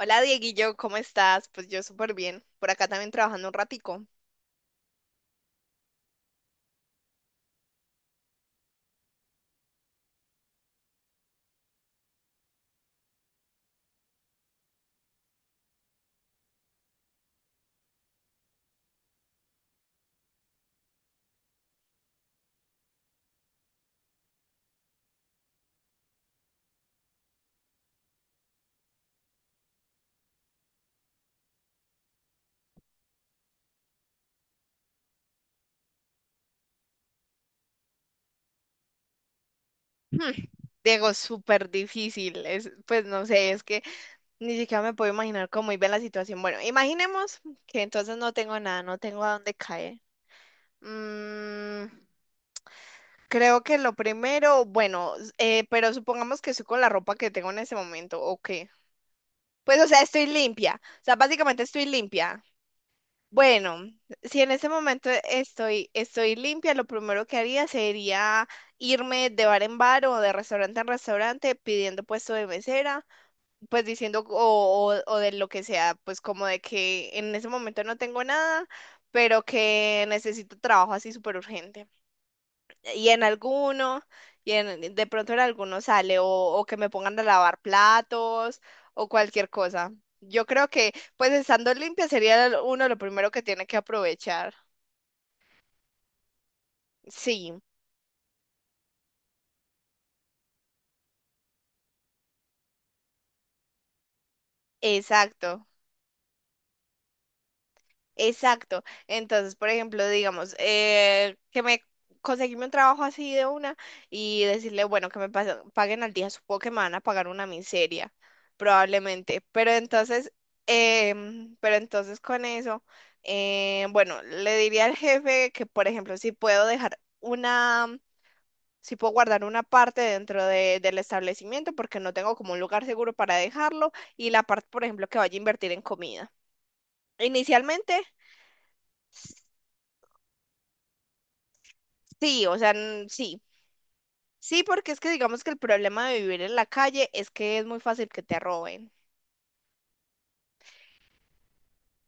Hola Dieguillo, ¿cómo estás? Pues yo súper bien. Por acá también trabajando un ratico. Hmm, Diego, súper difícil. Es, pues no sé, es que ni siquiera me puedo imaginar cómo iba la situación. Bueno, imaginemos que entonces no tengo nada, no tengo a dónde caer. Mm, creo que lo primero, bueno, pero supongamos que estoy con la ropa que tengo en ese momento, ¿o qué? Pues o sea, estoy limpia. O sea, básicamente estoy limpia. Bueno, si en ese momento estoy limpia, lo primero que haría sería irme de bar en bar o de restaurante en restaurante pidiendo puesto de mesera, pues diciendo o de lo que sea, pues como de que en ese momento no tengo nada, pero que necesito trabajo así súper urgente y en alguno, de pronto en alguno sale, o que me pongan a lavar platos, o cualquier cosa. Yo creo que, pues estando limpia sería uno lo primero que tiene que aprovechar. Sí, exacto. Exacto. Entonces, por ejemplo, digamos, que me conseguirme un trabajo así de una y decirle, bueno, que me paguen al día, supongo que me van a pagar una miseria, probablemente. Pero entonces, pero entonces con eso, bueno, le diría al jefe que, por ejemplo, si puedo dejar una, si puedo guardar una parte dentro del establecimiento porque no tengo como un lugar seguro para dejarlo y la parte, por ejemplo, que vaya a invertir en comida. Inicialmente. Sí. Sí, porque es que digamos que el problema de vivir en la calle es que es muy fácil que te roben.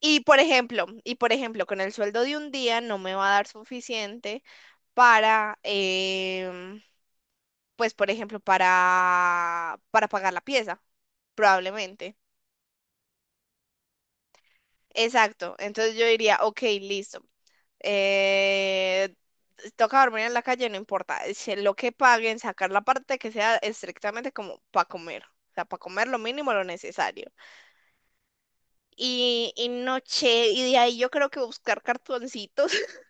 Y por ejemplo, con el sueldo de un día no me va a dar suficiente para, em, pues por ejemplo, para pagar la pieza, probablemente. Exacto. Entonces yo diría, ok, listo. Eh, toca dormir en la calle, no importa. Es que Lo que paguen, sacar la parte que sea estrictamente como para comer. O sea, para comer lo mínimo, lo necesario. Y noche, y de ahí yo creo que buscar cartoncitos.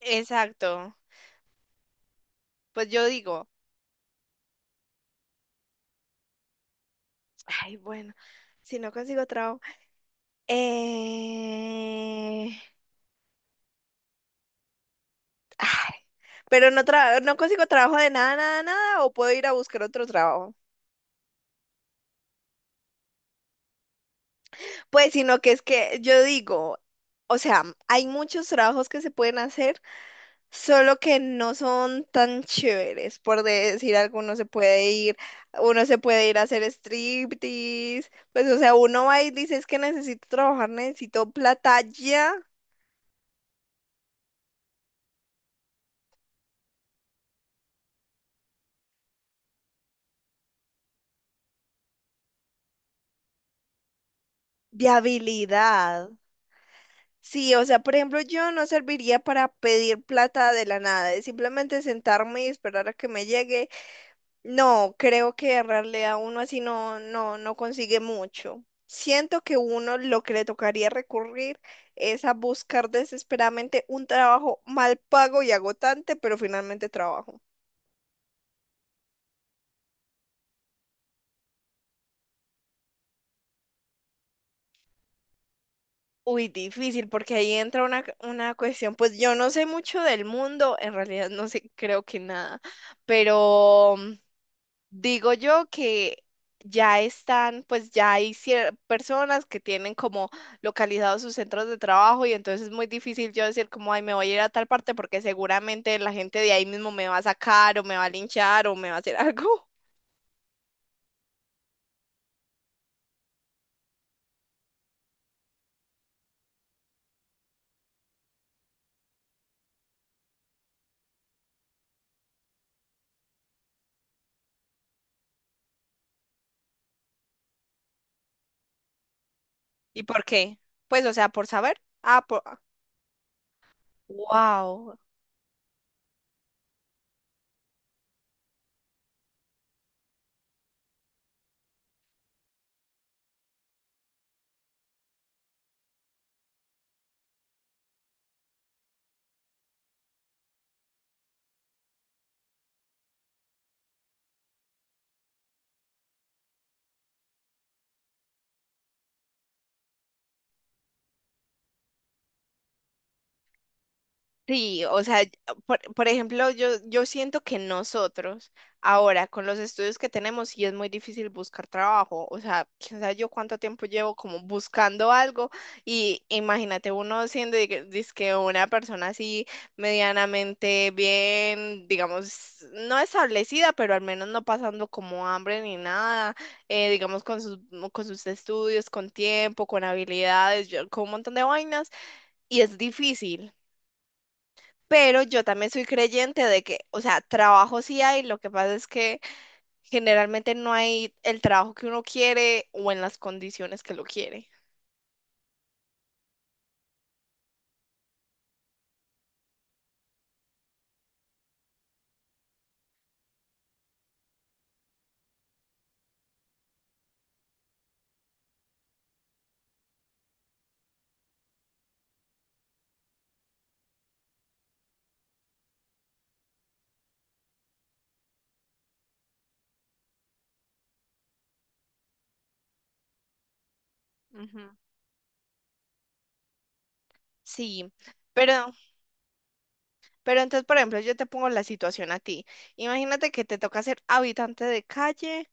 Exacto. Pues yo digo, ay, bueno, si no consigo trabajo. Eh... Ay, pero no, no consigo trabajo de nada, nada, nada, o puedo ir a buscar otro trabajo. Pues sino que es que yo digo, o sea, hay muchos trabajos que se pueden hacer. Solo que no son tan chéveres, por decir algo, uno se puede ir, uno se puede ir a hacer striptease, pues o sea, uno va y dice es que necesito trabajar, necesito plata ya. De habilidad. Sí, o sea, por ejemplo, yo no serviría para pedir plata de la nada, es simplemente sentarme y esperar a que me llegue. No, creo que en realidad uno así no, no, no consigue mucho. Siento que uno lo que le tocaría recurrir es a buscar desesperadamente un trabajo mal pago y agotante, pero finalmente trabajo. Uy, difícil, porque ahí entra una cuestión. Pues yo no sé mucho del mundo, en realidad no sé, creo que nada, pero digo yo que ya están, pues ya hay personas que tienen como localizados sus centros de trabajo y entonces es muy difícil yo decir como, ay, me voy a ir a tal parte porque seguramente la gente de ahí mismo me va a sacar o me va a linchar o me va a hacer algo. ¿Y por qué? Pues, o sea, por saber. Ah, por... Wow. Sí, o sea, por ejemplo, yo siento que nosotros ahora con los estudios que tenemos sí es muy difícil buscar trabajo, o sea, quién sabe yo cuánto tiempo llevo como buscando algo, y imagínate uno siendo dizque una persona así medianamente bien, digamos, no establecida, pero al menos no pasando como hambre ni nada, digamos con sus estudios, con tiempo, con habilidades, con un montón de vainas y es difícil. Pero yo también soy creyente de que, o sea, trabajo sí hay, lo que pasa es que generalmente no hay el trabajo que uno quiere o en las condiciones que lo quiere. Ujú. Sí, pero, pero entonces, por ejemplo, yo te pongo la situación a ti. Imagínate que te toca ser habitante de calle,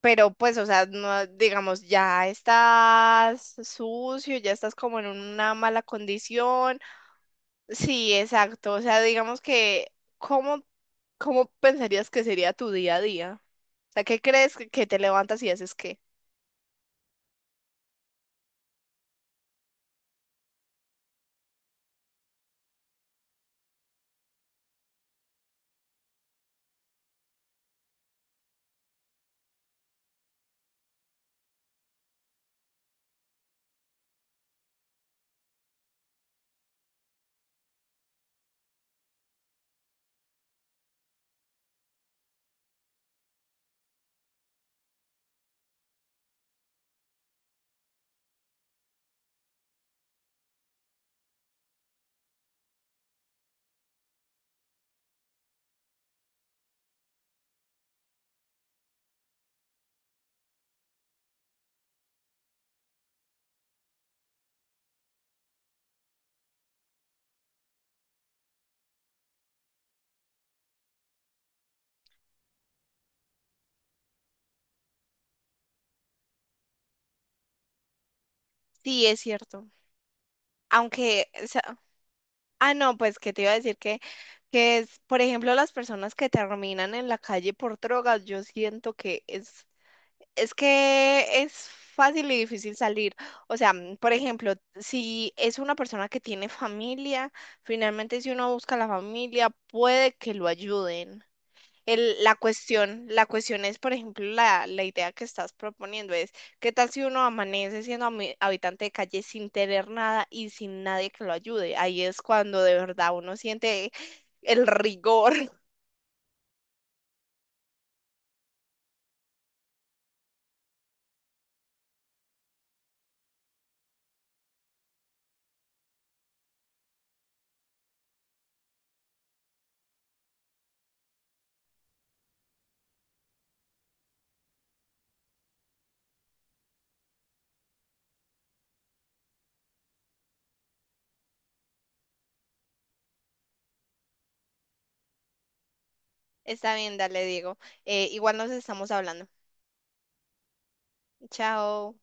pero pues, o sea, no, digamos, ya estás sucio, ya estás como en una mala condición. Sí, exacto. O sea, digamos que, ¿cómo, cómo pensarías que sería tu día a día? O sea, ¿qué crees que te levantas y haces qué? Sí, es cierto. Aunque, o sea, ah, no, pues que te iba a decir que es, por ejemplo, las personas que terminan en la calle por drogas, yo siento que es que es fácil y difícil salir. O sea, mm, por ejemplo, si es una persona que tiene familia, finalmente si uno busca a la familia, puede que lo ayuden. La cuestión, la cuestión es, por ejemplo, la idea que estás proponiendo es, ¿qué tal si uno amanece siendo habitante de calle sin tener nada y sin nadie que lo ayude? Ahí es cuando de verdad uno siente el rigor. Está bien, dale, Diego. Igual nos estamos hablando. Chao.